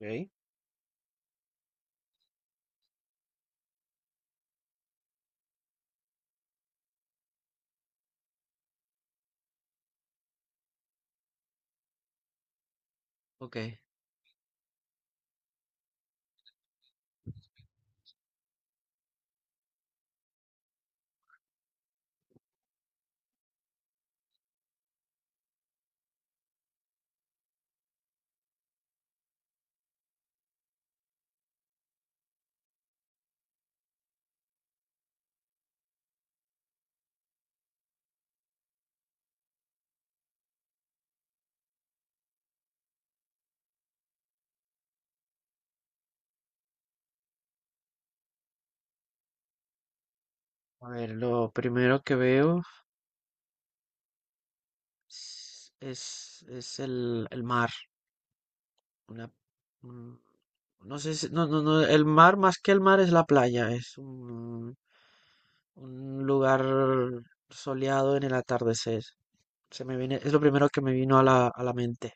Ok. Ok, a ver, lo primero que veo es el mar. Una, un- no sé no, el mar más que el mar es la playa, es un lugar soleado en el atardecer. Se me viene, es lo primero que me vino a la mente.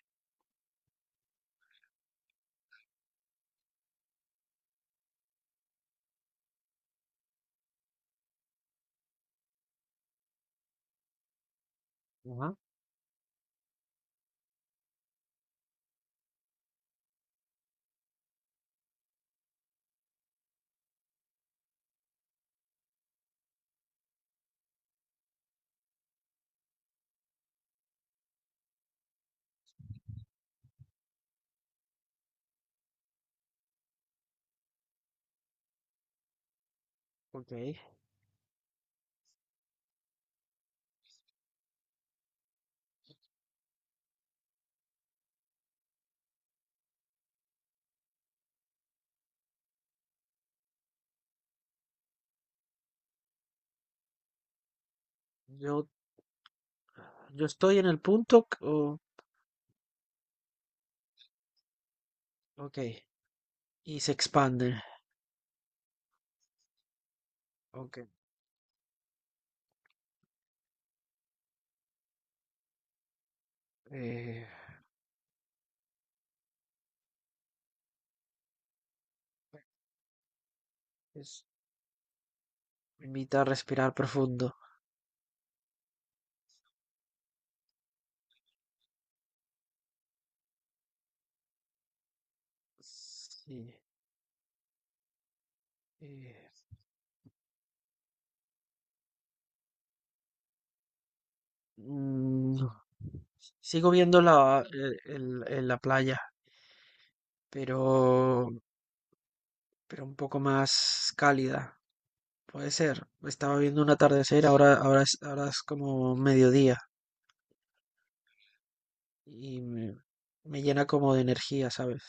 Ajá. Ok. Yo, yo estoy en el punto, ok, y se expande. Ok. eh, es- Me invita a respirar profundo. Sí. eh, mm, Sigo viendo la, la playa, pero, pero un poco más cálida. Puede ser. Estaba viendo un atardecer, ahora, ahora es como mediodía y me llena como de energía, ¿sabes?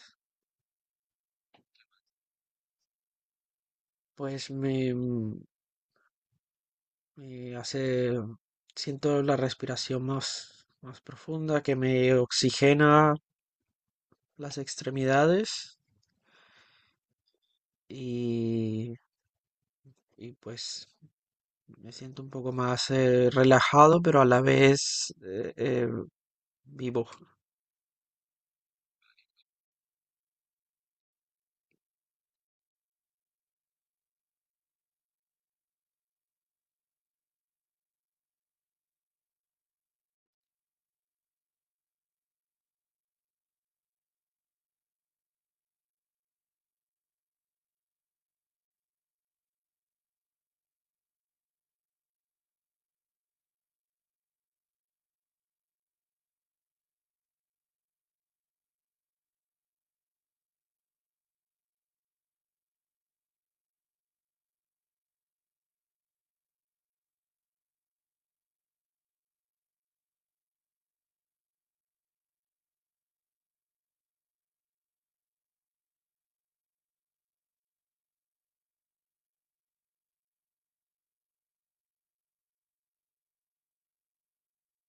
Pues me hace, siento la respiración más, más profunda, que me oxigena las extremidades y, y pues me siento un poco más relajado, pero a la vez vivo.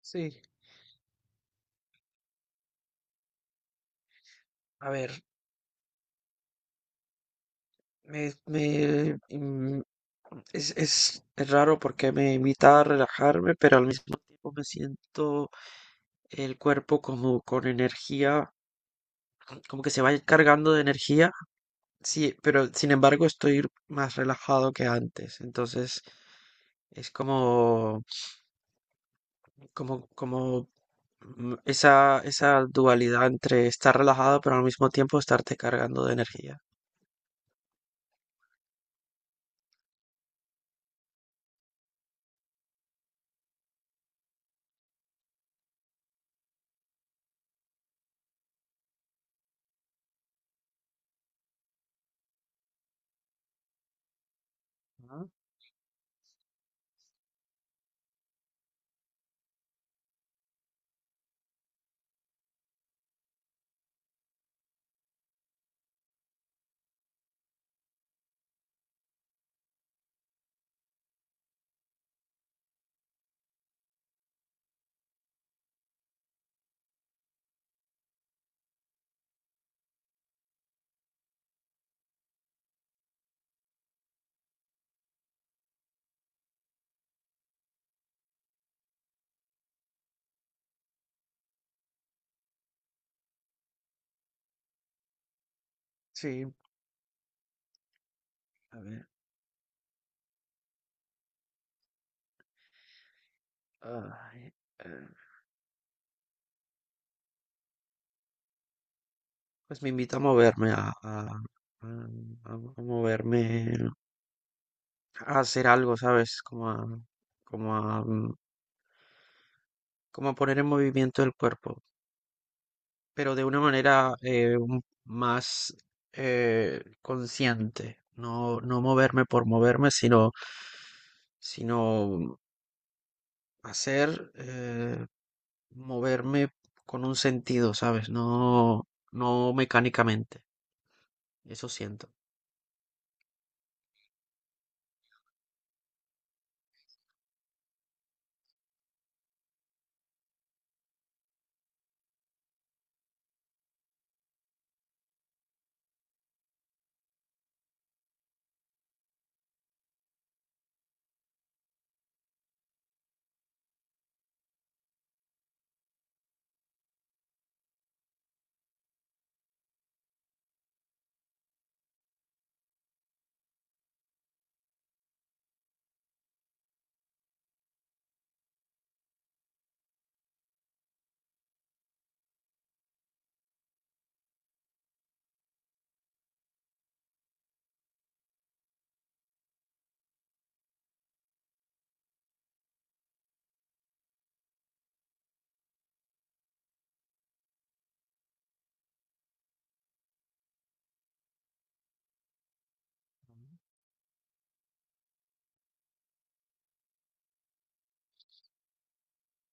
Sí, a ver, me, me, mm, es raro porque me invita a relajarme, pero al mismo tiempo me siento el cuerpo como con energía, como que se va cargando de energía. Sí, pero sin embargo estoy más relajado que antes. Entonces es como esa, esa dualidad entre estar relajado pero al mismo tiempo estarte cargando de energía. Ajá. Sí, a ver. Ay, eh, pues me invita a moverme, a- a moverme, a hacer algo, ¿sabes? Como como a, mm, como a poner en movimiento el cuerpo, pero de una manera más consciente. No, no moverme por moverme, sino hacer, moverme con un sentido, ¿sabes? No, no mecánicamente. Eso siento.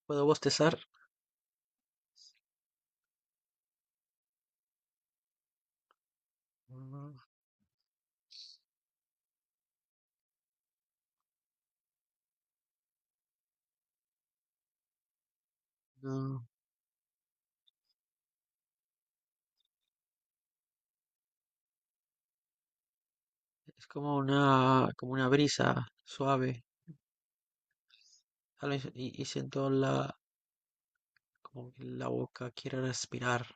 ¿Puedo bostezar? No, no. Es como una brisa suave, ¿sale? Y siento la, como que la boca quiere respirar.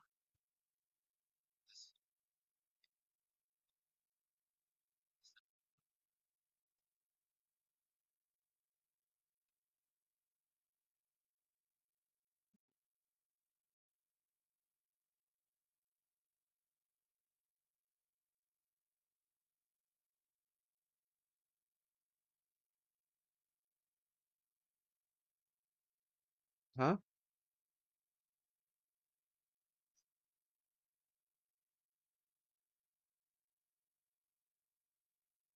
Ah,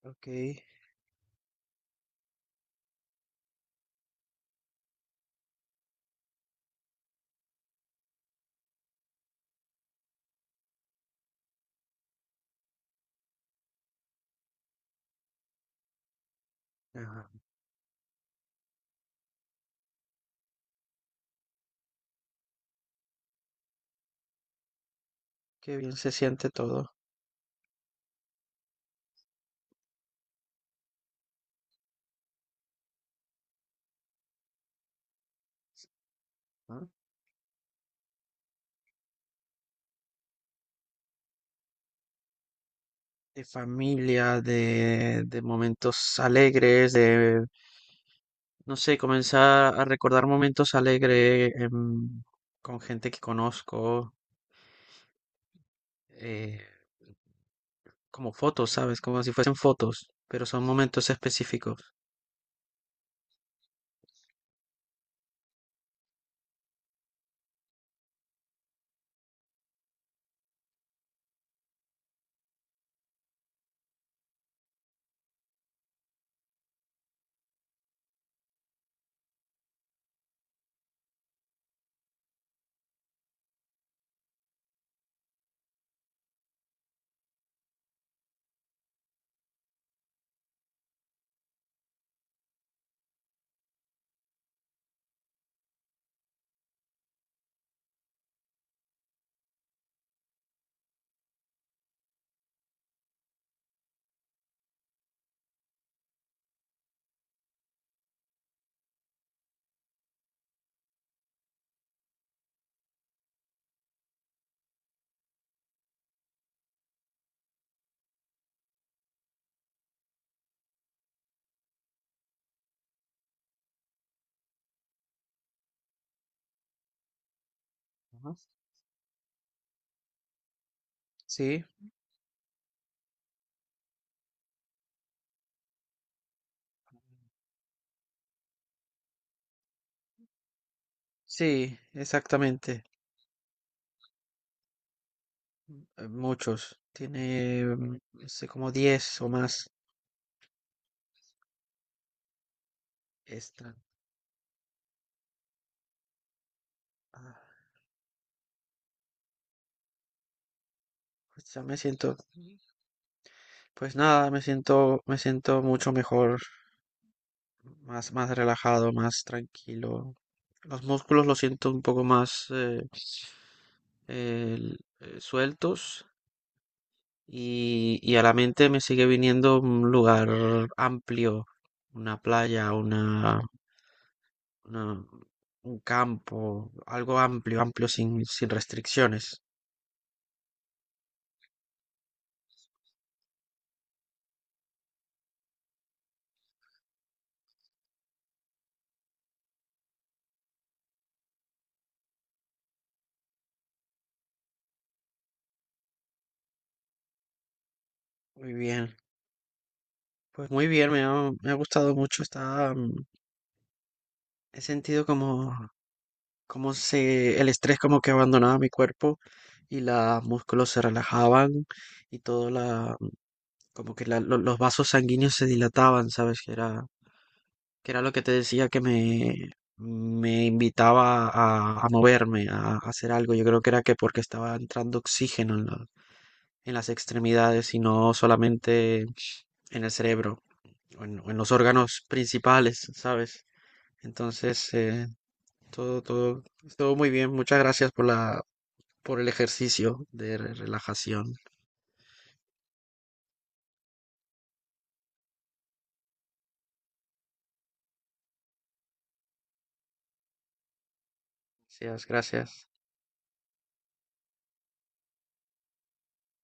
ok. Ajá. Qué bien se siente todo. ¿Ah? De familia, de momentos alegres, de, no sé, comenzar a recordar momentos alegres con gente que conozco, eh, como fotos, ¿sabes? Como si fuesen fotos, pero son momentos específicos. Ajá. Sí. Sí, exactamente. Muchos. Tiene, no sé, como 10 o más extra. Ah, pues ya me siento, pues nada, me siento mucho mejor, más, más relajado, más tranquilo. Los músculos los siento un poco más sueltos y a la mente me sigue viniendo un lugar amplio, una playa, una- un campo, algo amplio, amplio, sin, sin restricciones. Muy bien, pues muy bien, me ha gustado mucho. Está, he sentido como se, el estrés como que abandonaba mi cuerpo y los músculos se relajaban y todo como que los vasos sanguíneos se dilataban, ¿sabes? Que era lo que te decía que me invitaba a moverme, a hacer algo. Yo creo que era que porque estaba entrando oxígeno en las extremidades, sino solamente en el cerebro o en los órganos principales, ¿sabes? Entonces, todo, todo, todo muy bien. Muchas gracias por la, por el ejercicio de relajación. Gracias, gracias.